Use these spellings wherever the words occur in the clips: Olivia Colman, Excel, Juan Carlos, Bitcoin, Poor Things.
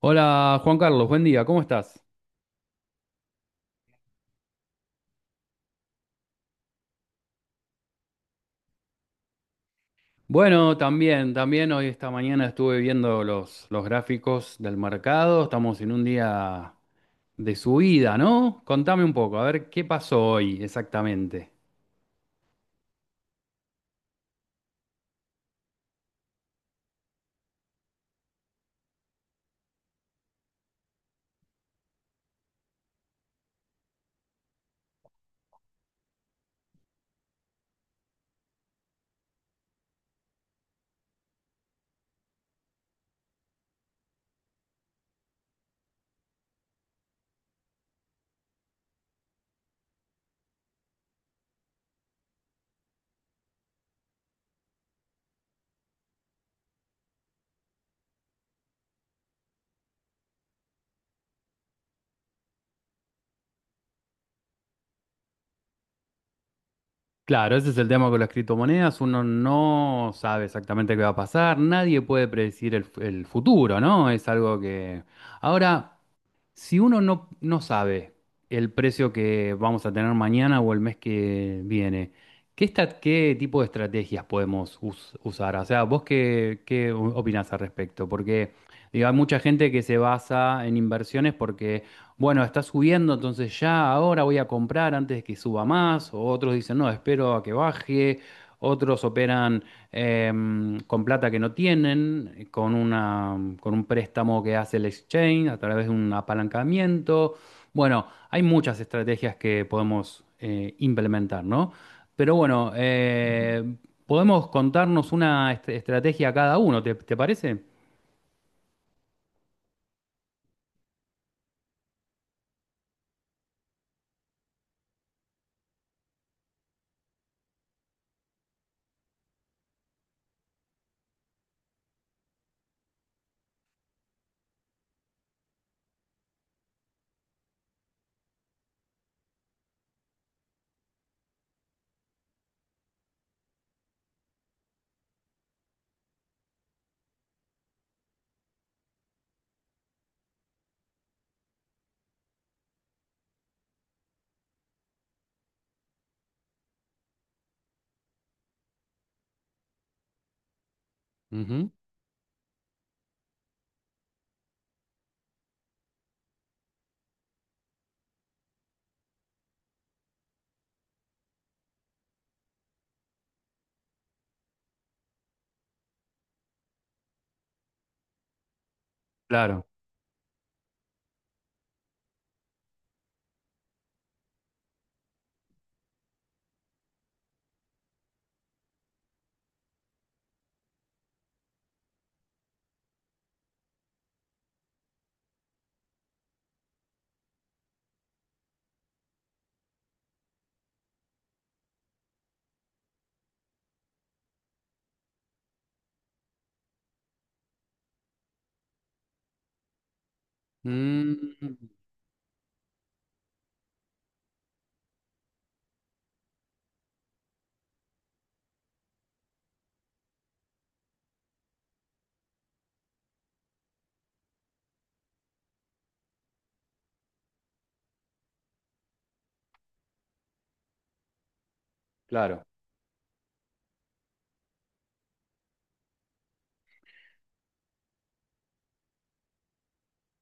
Hola Juan Carlos, buen día, ¿cómo estás? Bueno, también hoy esta mañana estuve viendo los gráficos del mercado, estamos en un día de subida, ¿no? Contame un poco, a ver qué pasó hoy exactamente. Claro, ese es el tema con las criptomonedas, uno no sabe exactamente qué va a pasar, nadie puede predecir el futuro, ¿no? Es algo que... Ahora, si uno no sabe el precio que vamos a tener mañana o el mes que viene, ¿qué, qué tipo de estrategias podemos usar? O sea, ¿vos qué opinás al respecto? Porque digo, hay mucha gente que se basa en inversiones porque, bueno, está subiendo, entonces ya ahora voy a comprar antes de que suba más. O otros dicen, no, espero a que baje. Otros operan con plata que no tienen, con una, con un préstamo que hace el exchange a través de un apalancamiento. Bueno, hay muchas estrategias que podemos implementar, ¿no? Pero bueno, podemos contarnos una estrategia cada uno, ¿te parece? Ujú. Claro. Mm, claro.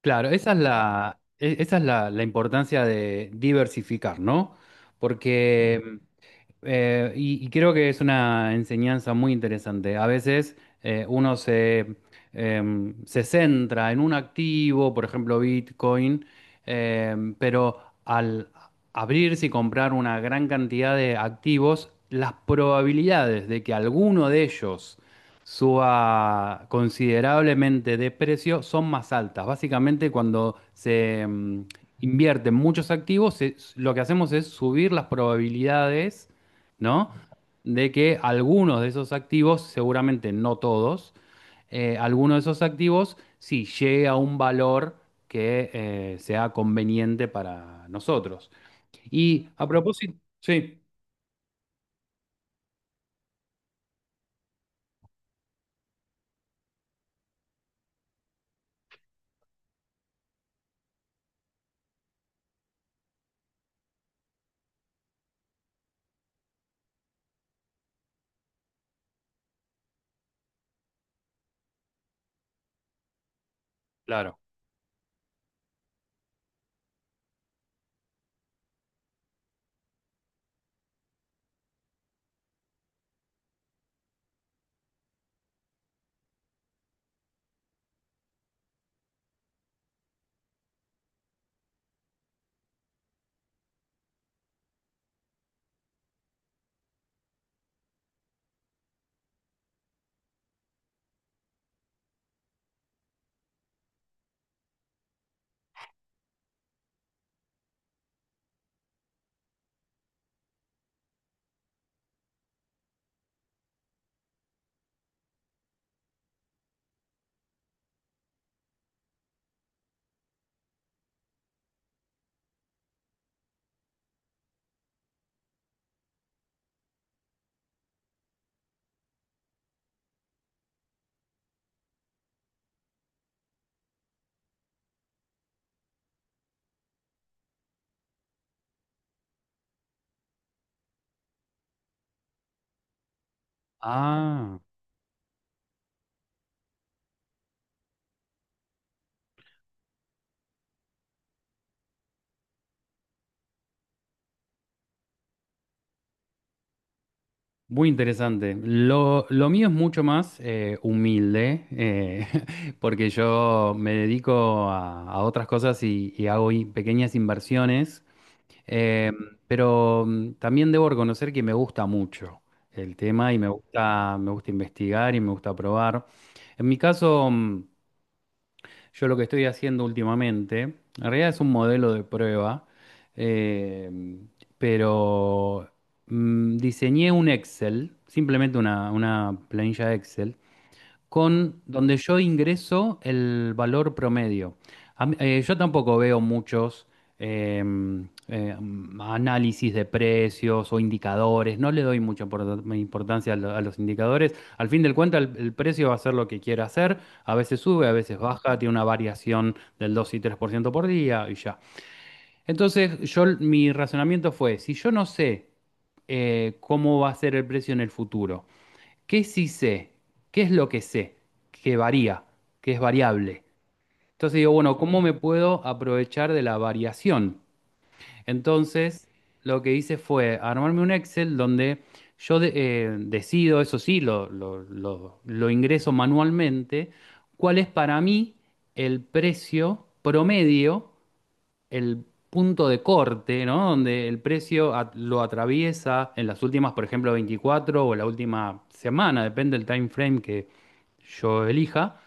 Claro, esa es la, la importancia de diversificar, ¿no? Sí. Porque... y creo que es una enseñanza muy interesante. A veces uno se centra en un activo, por ejemplo Bitcoin, pero al abrirse y comprar una gran cantidad de activos, las probabilidades de que alguno de ellos suba considerablemente de precio son más altas. Básicamente cuando invierte en muchos activos, se- lo que hacemos es subir las probabilidades, ¿no? De que algunos de esos activos, seguramente no todos, algunos de esos activos sí llegue a un valor que sea conveniente para nosotros. Y a propósito, sí, claro. Ah, muy interesante. Lo mío es mucho más humilde, porque yo me dedico a, otras cosas y, hago pequeñas inversiones. Eh, pero también debo reconocer que me gusta mucho el tema y me gusta investigar y me gusta probar. En mi caso, yo lo que estoy haciendo últimamente, en realidad es un modelo de prueba, eh, pero diseñé un Excel, simplemente una planilla Excel, con donde yo ingreso el valor promedio. Yo tampoco veo muchos eh, eh, análisis de precios o indicadores, no le doy mucha importancia a, a los indicadores. Al fin del cuenta, el precio va a ser lo que quiera hacer, a veces sube, a veces baja, tiene una variación del 2 y 3% por ciento por día y ya. Entonces, yo, mi razonamiento fue, si yo no sé cómo va a ser el precio en el futuro. ¿Qué sí sé? ¿Qué es lo que sé? Que varía, que es variable. Entonces digo, bueno, ¿cómo me puedo aprovechar de la variación? Entonces, lo que hice fue armarme un Excel donde yo decido, eso sí, lo ingreso manualmente, cuál es para mí el precio promedio, el punto de corte, ¿no? Donde el precio lo atraviesa en las últimas, por ejemplo, 24 o la última semana, depende del time frame que yo elija.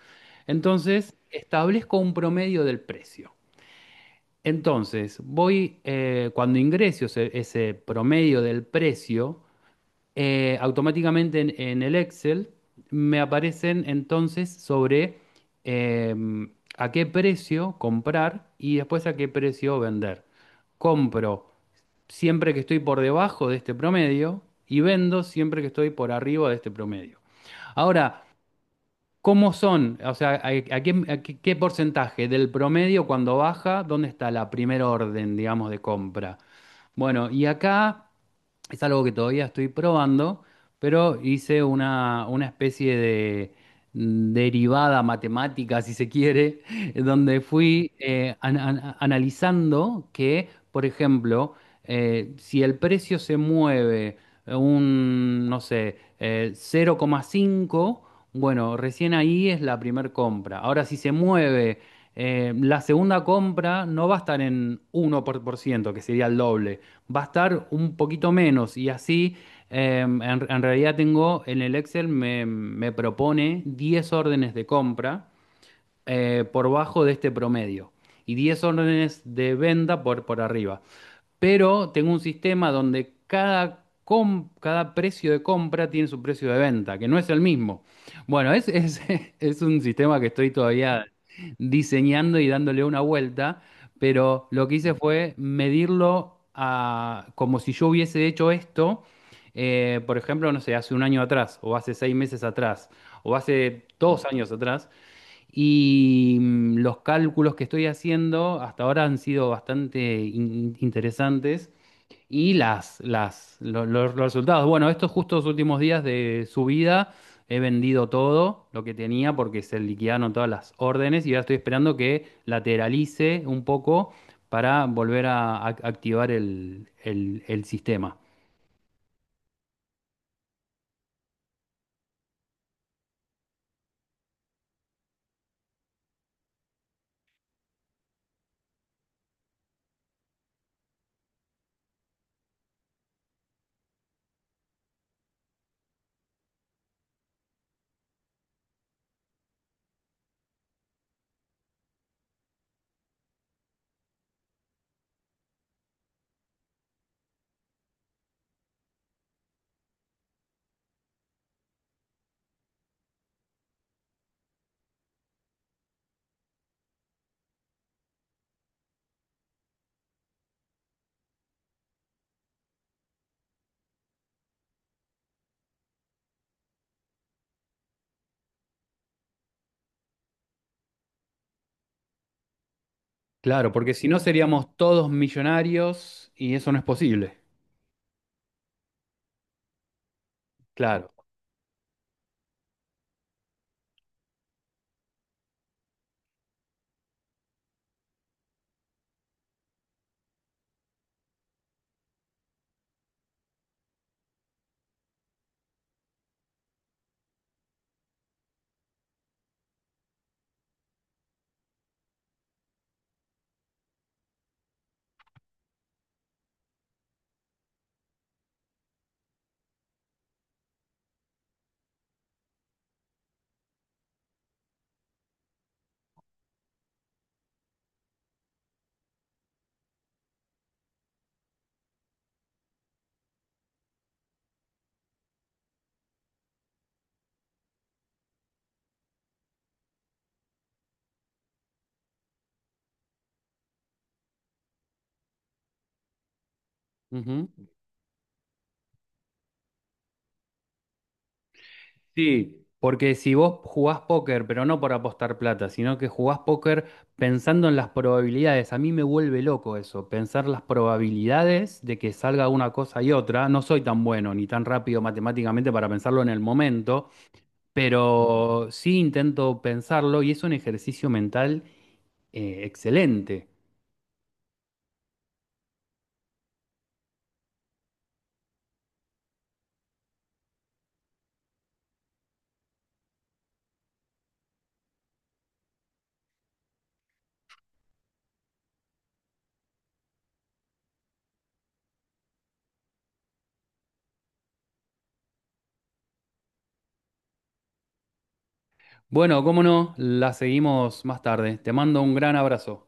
Entonces, establezco un promedio del precio. Entonces, voy, cuando ingreso ese promedio del precio, automáticamente en, el Excel me aparecen entonces sobre a qué precio comprar y después a qué precio vender. Compro siempre que estoy por debajo de este promedio y vendo siempre que estoy por arriba de este promedio. Ahora, ¿cómo son? O sea, ¿a, a qué porcentaje del promedio cuando baja? ¿Dónde está la primera orden, digamos, de compra? Bueno, y acá... Es algo que todavía estoy probando, pero hice una, especie de derivada matemática, si se quiere, donde fui analizando que, por ejemplo, si el precio se mueve no sé, 0,5, bueno, recién ahí es la primer compra. Ahora, si se mueve la segunda compra no va a estar en 1%, que sería el doble, va a estar un poquito menos y así en, realidad tengo en el Excel me propone 10 órdenes de compra por bajo de este promedio y 10 órdenes de venta por, arriba, pero tengo un sistema donde cada precio de compra tiene su precio de venta, que no es el mismo. Bueno, es un sistema que estoy todavía diseñando y dándole una vuelta, pero lo que hice fue medirlo como si yo hubiese hecho esto, por ejemplo, no sé, hace un año atrás, o hace 6 meses atrás, o hace 2 años atrás, y los cálculos que estoy haciendo hasta ahora han sido bastante interesantes. Y las, lo- los resultados. Bueno, estos justos últimos días de subida he vendido todo lo que tenía porque se liquidaron todas las órdenes y ahora estoy esperando que lateralice un poco para volver a, activar el sistema. Claro, porque si no seríamos todos millonarios y eso no es posible. Claro. Ujú. Sí, porque si vos jugás póker, pero no por apostar plata, sino que jugás póker pensando en las probabilidades, a mí me vuelve loco eso, pensar las probabilidades de que salga una cosa y otra. No soy tan bueno ni tan rápido matemáticamente para pensarlo en el momento, pero sí intento pensarlo y es un ejercicio mental excelente. Bueno, cómo no, la seguimos más tarde. Te mando un gran abrazo.